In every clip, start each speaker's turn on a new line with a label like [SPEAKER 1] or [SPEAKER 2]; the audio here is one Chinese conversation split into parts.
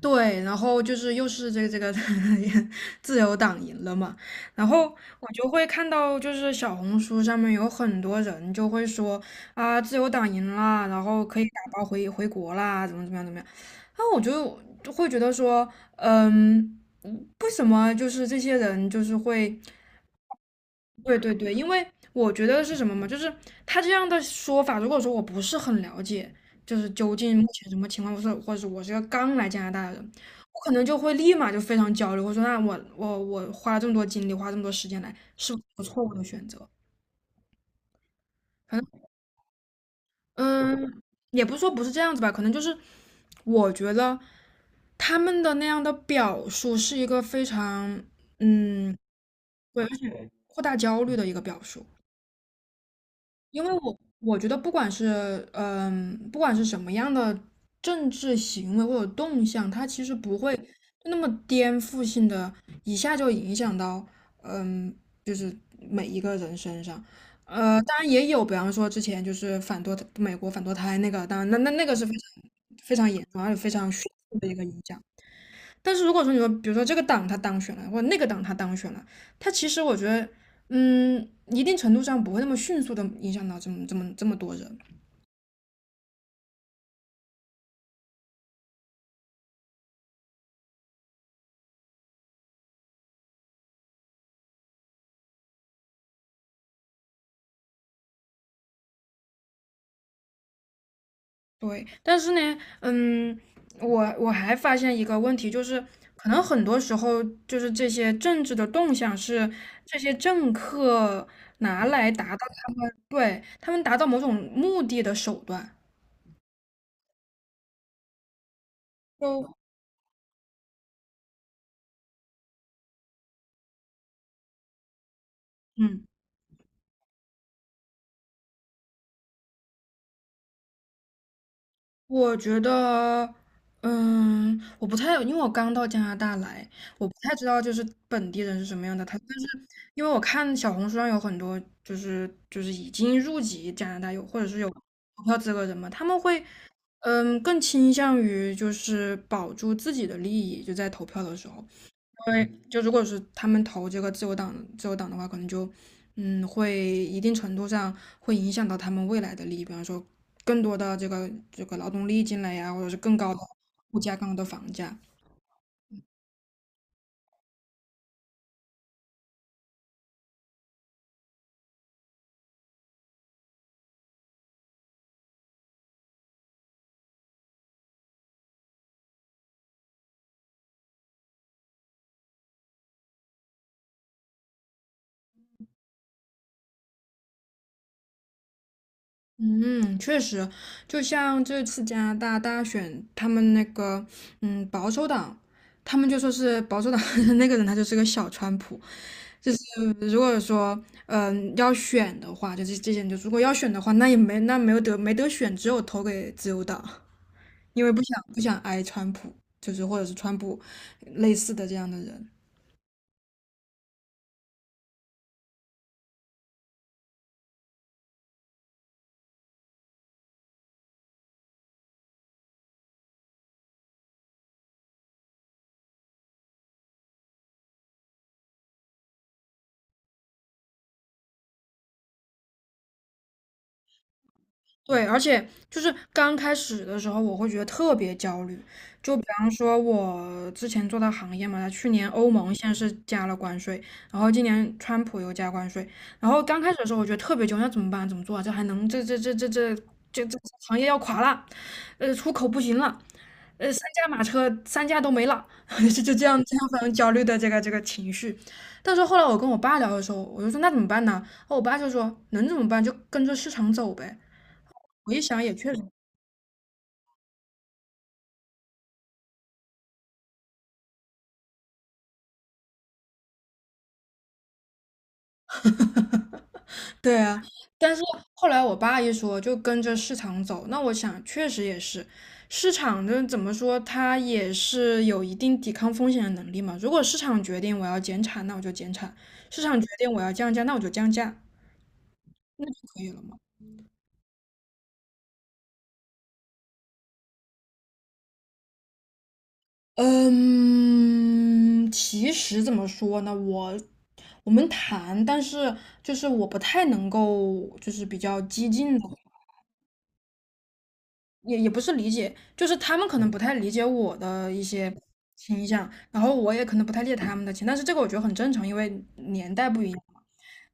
[SPEAKER 1] 对，然后就是又是这个 自由党赢了嘛，然后我就会看到就是小红书上面有很多人就会说啊，自由党赢啦，然后可以打包回国啦，怎么样，然后我就会觉得说，嗯，嗯为什么就是这些人就是会对对对，因为我觉得是什么嘛，就是他这样的说法，如果说我不是很了解，就是究竟目前什么情况，或者是我是个刚来加拿大的人，我可能就会立马就非常焦虑，我说那我花了这么多精力，花这么多时间来，是不是一个错误的选择？反正嗯，也不是说不是这样子吧，可能就是我觉得他们的那样的表述是一个非常嗯，对，扩大焦虑的一个表述。因为我觉得不管是嗯，不管是什么样的政治行为或者动向，它其实不会那么颠覆性的，一下就影响到嗯，就是每一个人身上。当然也有，比方说之前就是反堕美国反堕胎那个，当然那个是非常非常严重，而且非常迅速的一个影响。但是如果说你说，比如说这个党他当选了，或者那个党他当选了，他其实我觉得，嗯，一定程度上不会那么迅速的影响到这么多人。对，但是呢，嗯，我还发现一个问题，就是可能很多时候就是这些政治的动向是这些政客拿来达到他们达到某种目的的手段。都嗯。我觉得，嗯，我不太，因为我刚到加拿大来，我不太知道就是本地人是什么样的他，但是因为我看小红书上有很多就是已经入籍加拿大有或者是有投票资格人嘛，他们会嗯更倾向于就是保住自己的利益，就在投票的时候。因为就如果是他们投这个自由党的话，可能就嗯会一定程度上会影响到他们未来的利益，比方说更多的这个劳动力进来呀，或者是更高的物价、更高的房价。嗯，确实，就像这次加拿大大选，他们那个嗯保守党，他们就说是保守党 那个人他就是个小川普，就是如果说，嗯，要选的话，就是这些，就如果要选的话，那没得选，只有投给自由党，因为不想挨川普，就是或者是川普类似的这样的人。对，而且就是刚开始的时候，我会觉得特别焦虑。就比方说，我之前做的行业嘛，它去年欧盟先是加了关税，然后今年川普又加关税，然后刚开始的时候，我觉得特别焦虑，那怎么办？怎么做啊？这还能这这这这这这这行业要垮了，出口不行了，三驾马车都没了，就这样非常焦虑的这个情绪。但是后来我跟我爸聊的时候，我就说那怎么办呢？然后我爸就说能怎么办就跟着市场走呗。我一想也确实对啊，但是后来我爸一说就跟着市场走，那我想确实也是，市场的怎么说，它也是有一定抵抗风险的能力嘛。如果市场决定我要减产，那我就减产；市场决定我要降价，那我就降价，就可以了吗？嗯，其实怎么说呢，我们谈，但是就是我不太能够，就是比较激进的。也也不是理解，就是他们可能不太理解我的一些倾向，然后我也可能不太理解他们的倾向但是这个我觉得很正常，因为年代不一样嘛。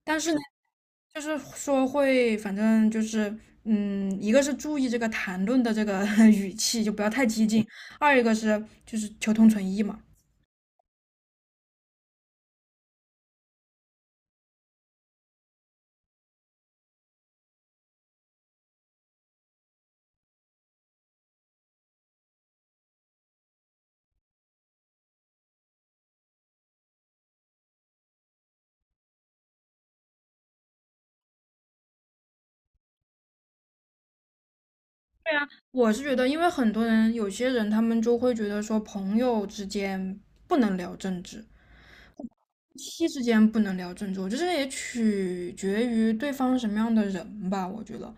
[SPEAKER 1] 但是呢，就是说会，反正就是，嗯，一个是注意这个谈论的这个 语气，就不要太激进；二一个是就是求同存异嘛。对啊，我是觉得，因为很多人有些人他们就会觉得说朋友之间不能聊政治，夫妻之间不能聊政治，我觉得也取决于对方什么样的人吧。我觉得，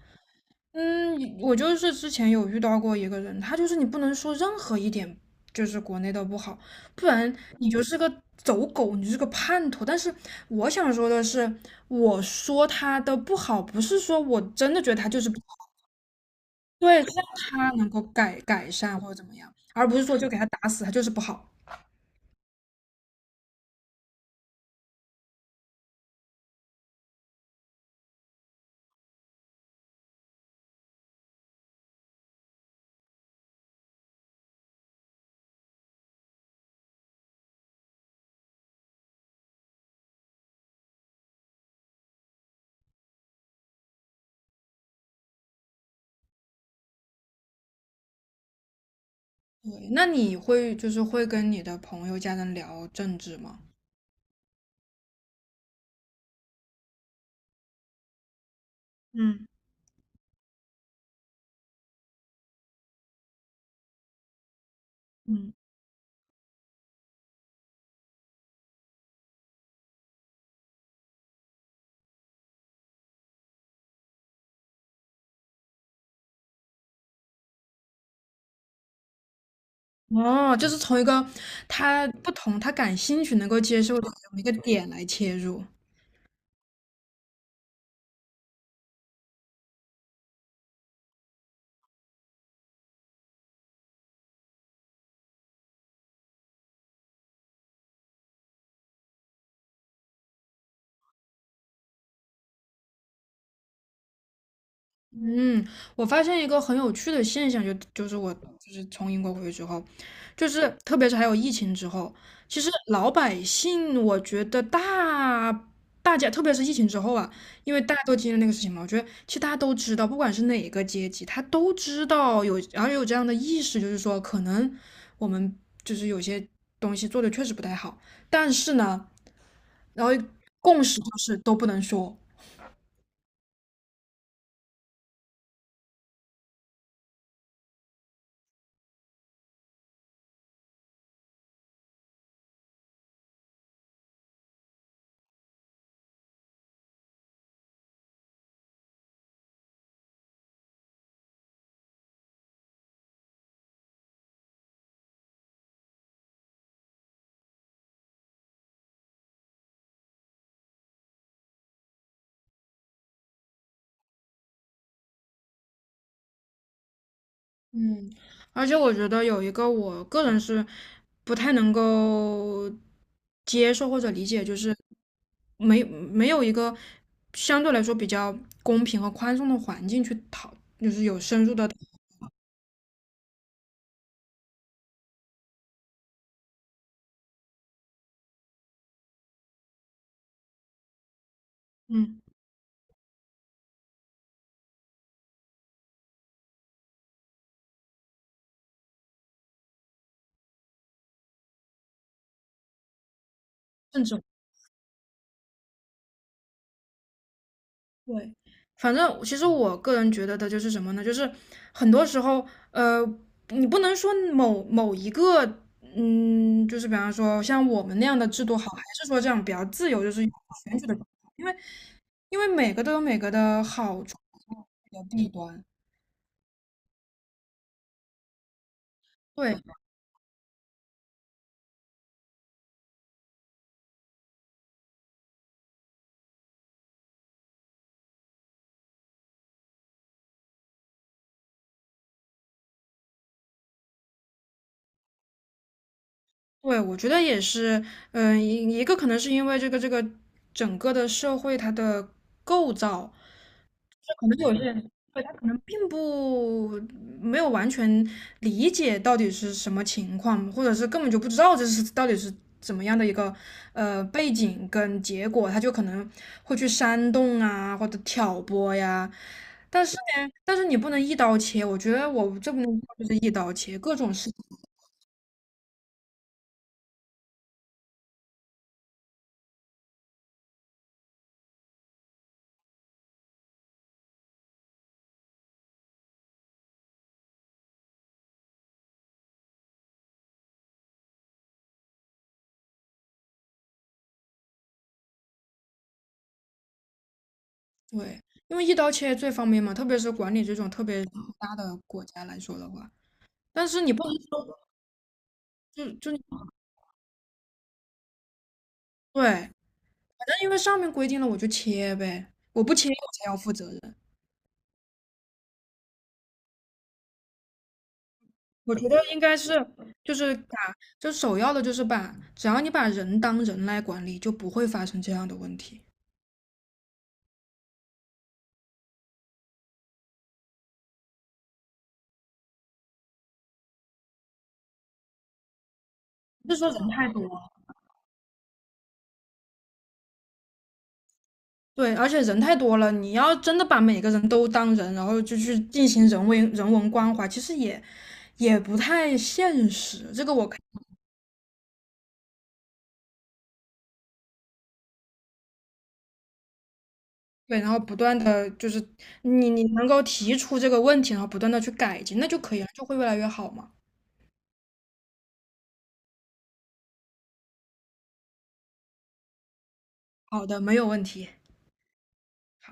[SPEAKER 1] 嗯，我就是之前有遇到过一个人，他就是你不能说任何一点就是国内的不好，不然你就是个走狗，你就是个叛徒。但是我想说的是，我说他的不好，不是说我真的觉得他就是不好，对，让他能够改善或者怎么样，而不是说就给他打死，他就是不好。对，那你会就是会跟你的朋友、家人聊政治吗？嗯嗯，哦，就是从一个他不同、他感兴趣、能够接受的这么一个点来切入。嗯，我发现一个很有趣的现象，就是我就是从英国回去之后，就是特别是还有疫情之后，其实老百姓，我觉得大家，特别是疫情之后啊，因为大家都经历那个事情嘛，我觉得其实大家都知道，不管是哪个阶级，他都知道有，然后有这样的意识，就是说可能我们就是有些东西做的确实不太好，但是呢，然后共识就是都不能说。嗯，而且我觉得有一个我个人是不太能够接受或者理解，就是没有一个相对来说比较公平和宽松的环境去讨，就是有深入的，嗯，政治对。反正其实我个人觉得的就是什么呢？就是很多时候，呃，你不能说某某一个，嗯，就是比方说像我们那样的制度好，还是说这样比较自由，就是有选举的。因为。因为每个都有每个的好处和弊端。对对，我觉得也是，嗯、一个可能是因为这个整个的社会它的构造，可能有些人可能并不没有完全理解到底是什么情况，或者是根本就不知道这是到底是怎么样的一个背景跟结果，他就可能会去煽动啊，或者挑拨呀。但是呢，但是你不能一刀切，我觉得我这部就是一刀切，各种事情，对，因为一刀切最方便嘛，特别是管理这种特别大的国家来说的话，但是你不能就对。那因为上面规定了，我就切呗，我不切我才要负责任。我觉得应该是，就是把，就首要的就是把，只要你把人当人来管理，就不会发生这样的问题。不是说人太多对，而且人太多了，你要真的把每个人都当人，然后就去进行人为人文关怀，其实也也不太现实。这个我看对，然后不断的就是你能够提出这个问题，然后不断的去改进，那就可以了，就会越来越好嘛。好的，没有问题。好